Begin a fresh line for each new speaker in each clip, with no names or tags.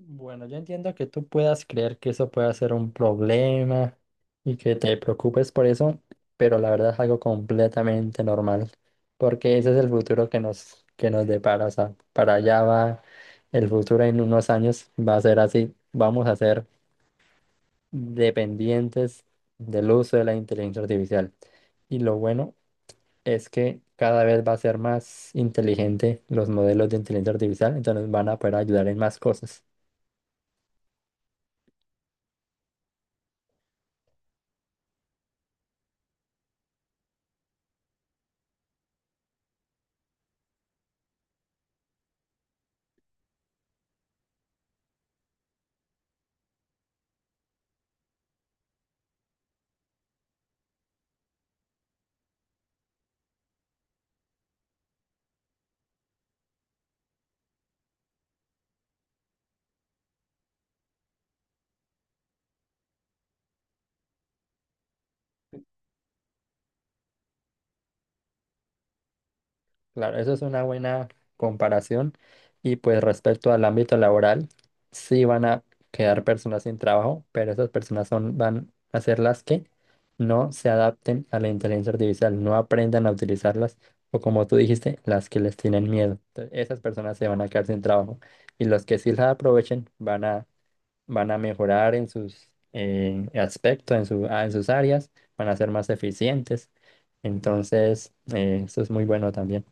Bueno, yo entiendo que tú puedas creer que eso pueda ser un problema y que te preocupes por eso, pero la verdad es algo completamente normal, porque ese es el futuro que nos depara, o sea, para allá va el futuro en unos años, va a ser así, vamos a ser dependientes del uso de la inteligencia artificial. Y lo bueno es que cada vez va a ser más inteligente los modelos de inteligencia artificial, entonces van a poder ayudar en más cosas. Claro, eso es una buena comparación. Y pues respecto al ámbito laboral, sí van a quedar personas sin trabajo, pero esas van a ser las que no se adapten a la inteligencia artificial, no aprendan a utilizarlas, o como tú dijiste, las que les tienen miedo. Entonces, esas personas se van a quedar sin trabajo. Y los que sí las aprovechen van a mejorar en sus aspectos, en sus áreas, van a ser más eficientes. Entonces, eso es muy bueno también.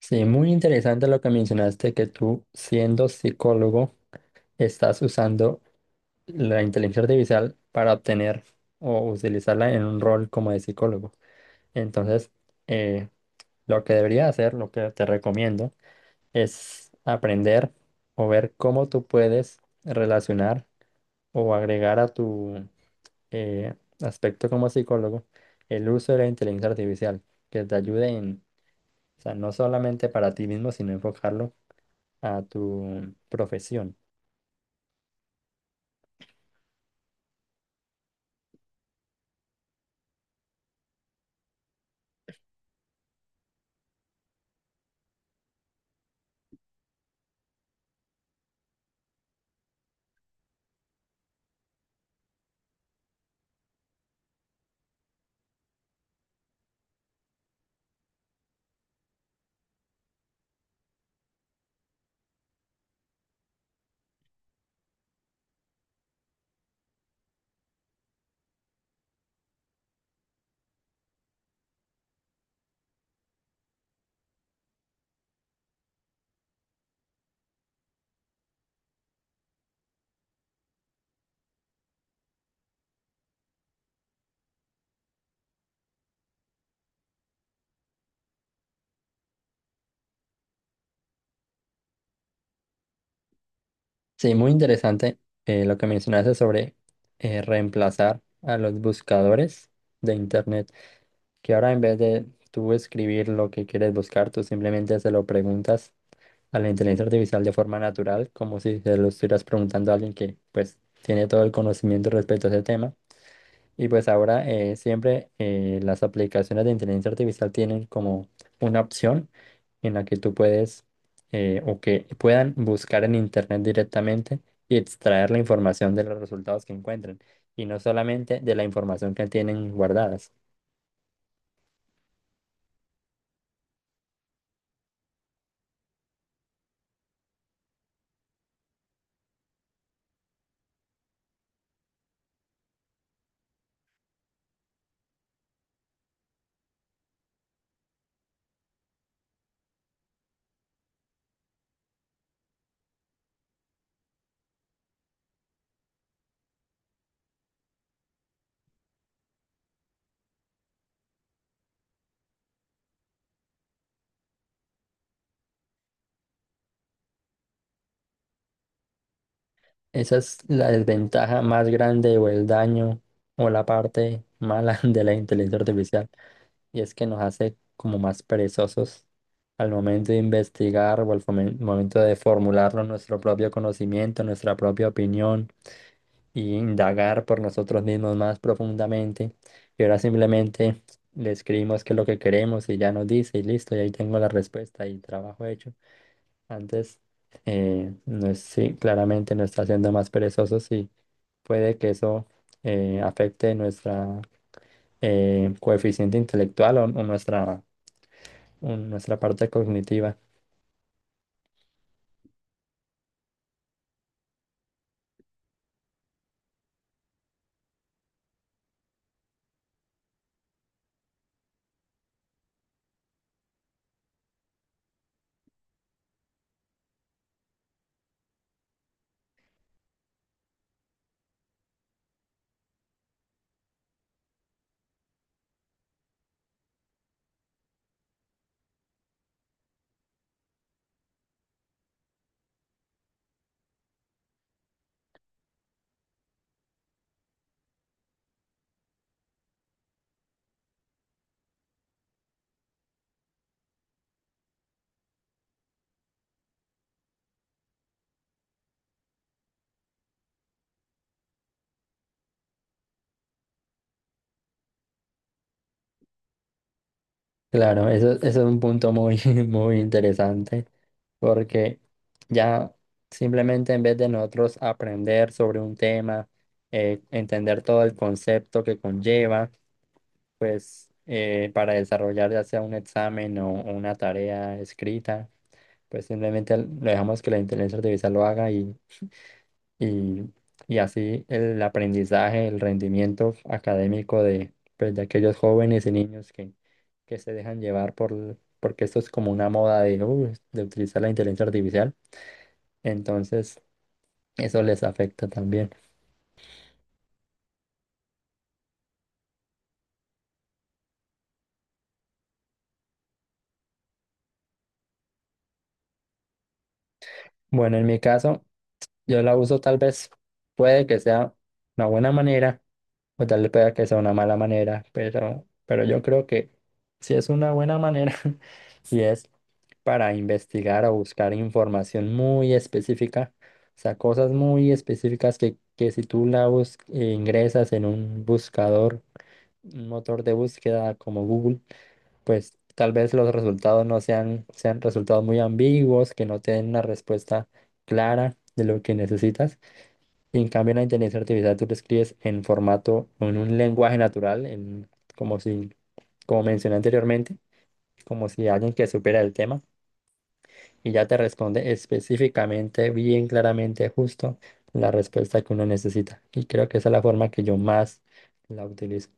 Sí, muy interesante lo que mencionaste, que tú, siendo psicólogo, estás usando la inteligencia artificial para obtener o utilizarla en un rol como de psicólogo. Entonces, eh, lo que debería hacer, lo que te recomiendo, es aprender o ver cómo tú puedes relacionar o agregar a tu eh, aspecto como psicólogo el uso de la inteligencia artificial, que te ayude o sea, no solamente para ti mismo, sino enfocarlo a tu profesión. Sí, muy interesante lo que mencionaste sobre reemplazar a los buscadores de Internet, que ahora en vez de tú escribir lo que quieres buscar, tú simplemente se lo preguntas a la inteligencia artificial de forma natural, como si se lo estuvieras preguntando a alguien que pues tiene todo el conocimiento respecto a ese tema. Y pues ahora siempre las aplicaciones de inteligencia artificial tienen como una opción en la que tú puedes o que puedan buscar en internet directamente y extraer la información de los resultados que encuentren y no solamente de la información que tienen guardadas. Esa es la desventaja más grande o el daño o la parte mala de la inteligencia artificial. Y es que nos hace como más perezosos al momento de investigar o al momento de formularlo nuestro propio conocimiento, nuestra propia opinión y indagar por nosotros mismos más profundamente. Y ahora simplemente le escribimos qué es lo que queremos y ya nos dice y listo, y ahí tengo la respuesta y trabajo hecho. Antes, no es, sí, claramente nos está haciendo más perezosos y puede que eso afecte nuestra coeficiente intelectual o nuestra nuestra parte cognitiva. Claro, eso es un punto muy interesante porque ya simplemente en vez de nosotros aprender sobre un tema, entender todo el concepto que conlleva, pues para desarrollar ya sea un examen o una tarea escrita, pues simplemente lo dejamos que la inteligencia artificial lo haga y, y así el aprendizaje, el rendimiento académico pues, de aquellos jóvenes y niños que se dejan llevar porque esto es como una moda de utilizar la inteligencia artificial, entonces eso les afecta también. Bueno, en mi caso, yo la uso tal vez, puede que sea una buena manera. O tal vez pueda que sea una mala manera, pero yo creo que si es una buena manera y es para investigar o buscar información muy específica, o sea, cosas muy específicas que si tú la ingresas en un buscador, un motor de búsqueda como Google, pues tal vez los resultados no sean, sean resultados muy ambiguos, que no te den una respuesta clara de lo que necesitas. Y en cambio, en la inteligencia artificial tú lo escribes en formato, en un lenguaje natural, como si, como mencioné anteriormente, como si alguien que supera el tema y ya te responde específicamente, bien claramente, justo la respuesta que uno necesita. Y creo que esa es la forma que yo más la utilizo.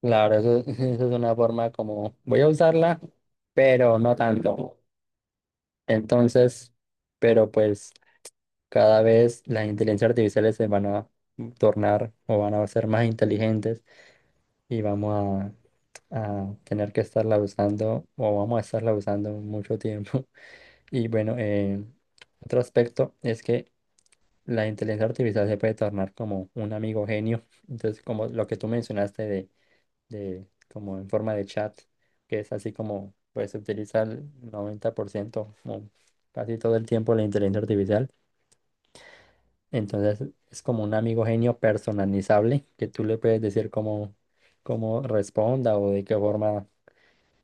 Claro, eso es una forma como voy a usarla, pero no tanto. Entonces, pero pues. Cada vez las inteligencias artificiales se van a tornar o van a ser más inteligentes y a tener que estarla usando o vamos a estarla usando mucho tiempo. Y bueno, otro aspecto es que la inteligencia artificial se puede tornar como un amigo genio. Entonces, como lo que tú mencionaste de como en forma de chat, que es así como pues se utiliza el 90% o casi todo el tiempo la inteligencia artificial. Entonces es como un amigo genio personalizable que tú le puedes decir cómo responda o de qué forma.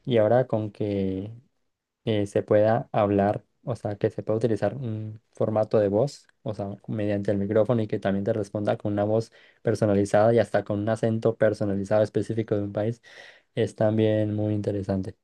Y ahora con que se pueda hablar, o sea, que se pueda utilizar un formato de voz, o sea, mediante el micrófono y que también te responda con una voz personalizada y hasta con un acento personalizado específico de un país, es también muy interesante.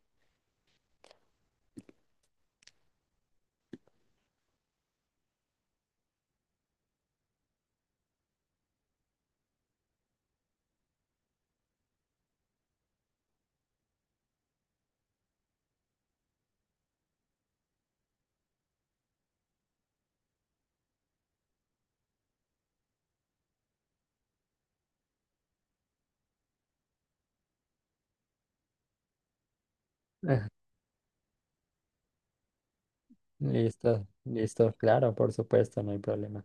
Ajá. Listo, listo, claro, por supuesto, no hay problema.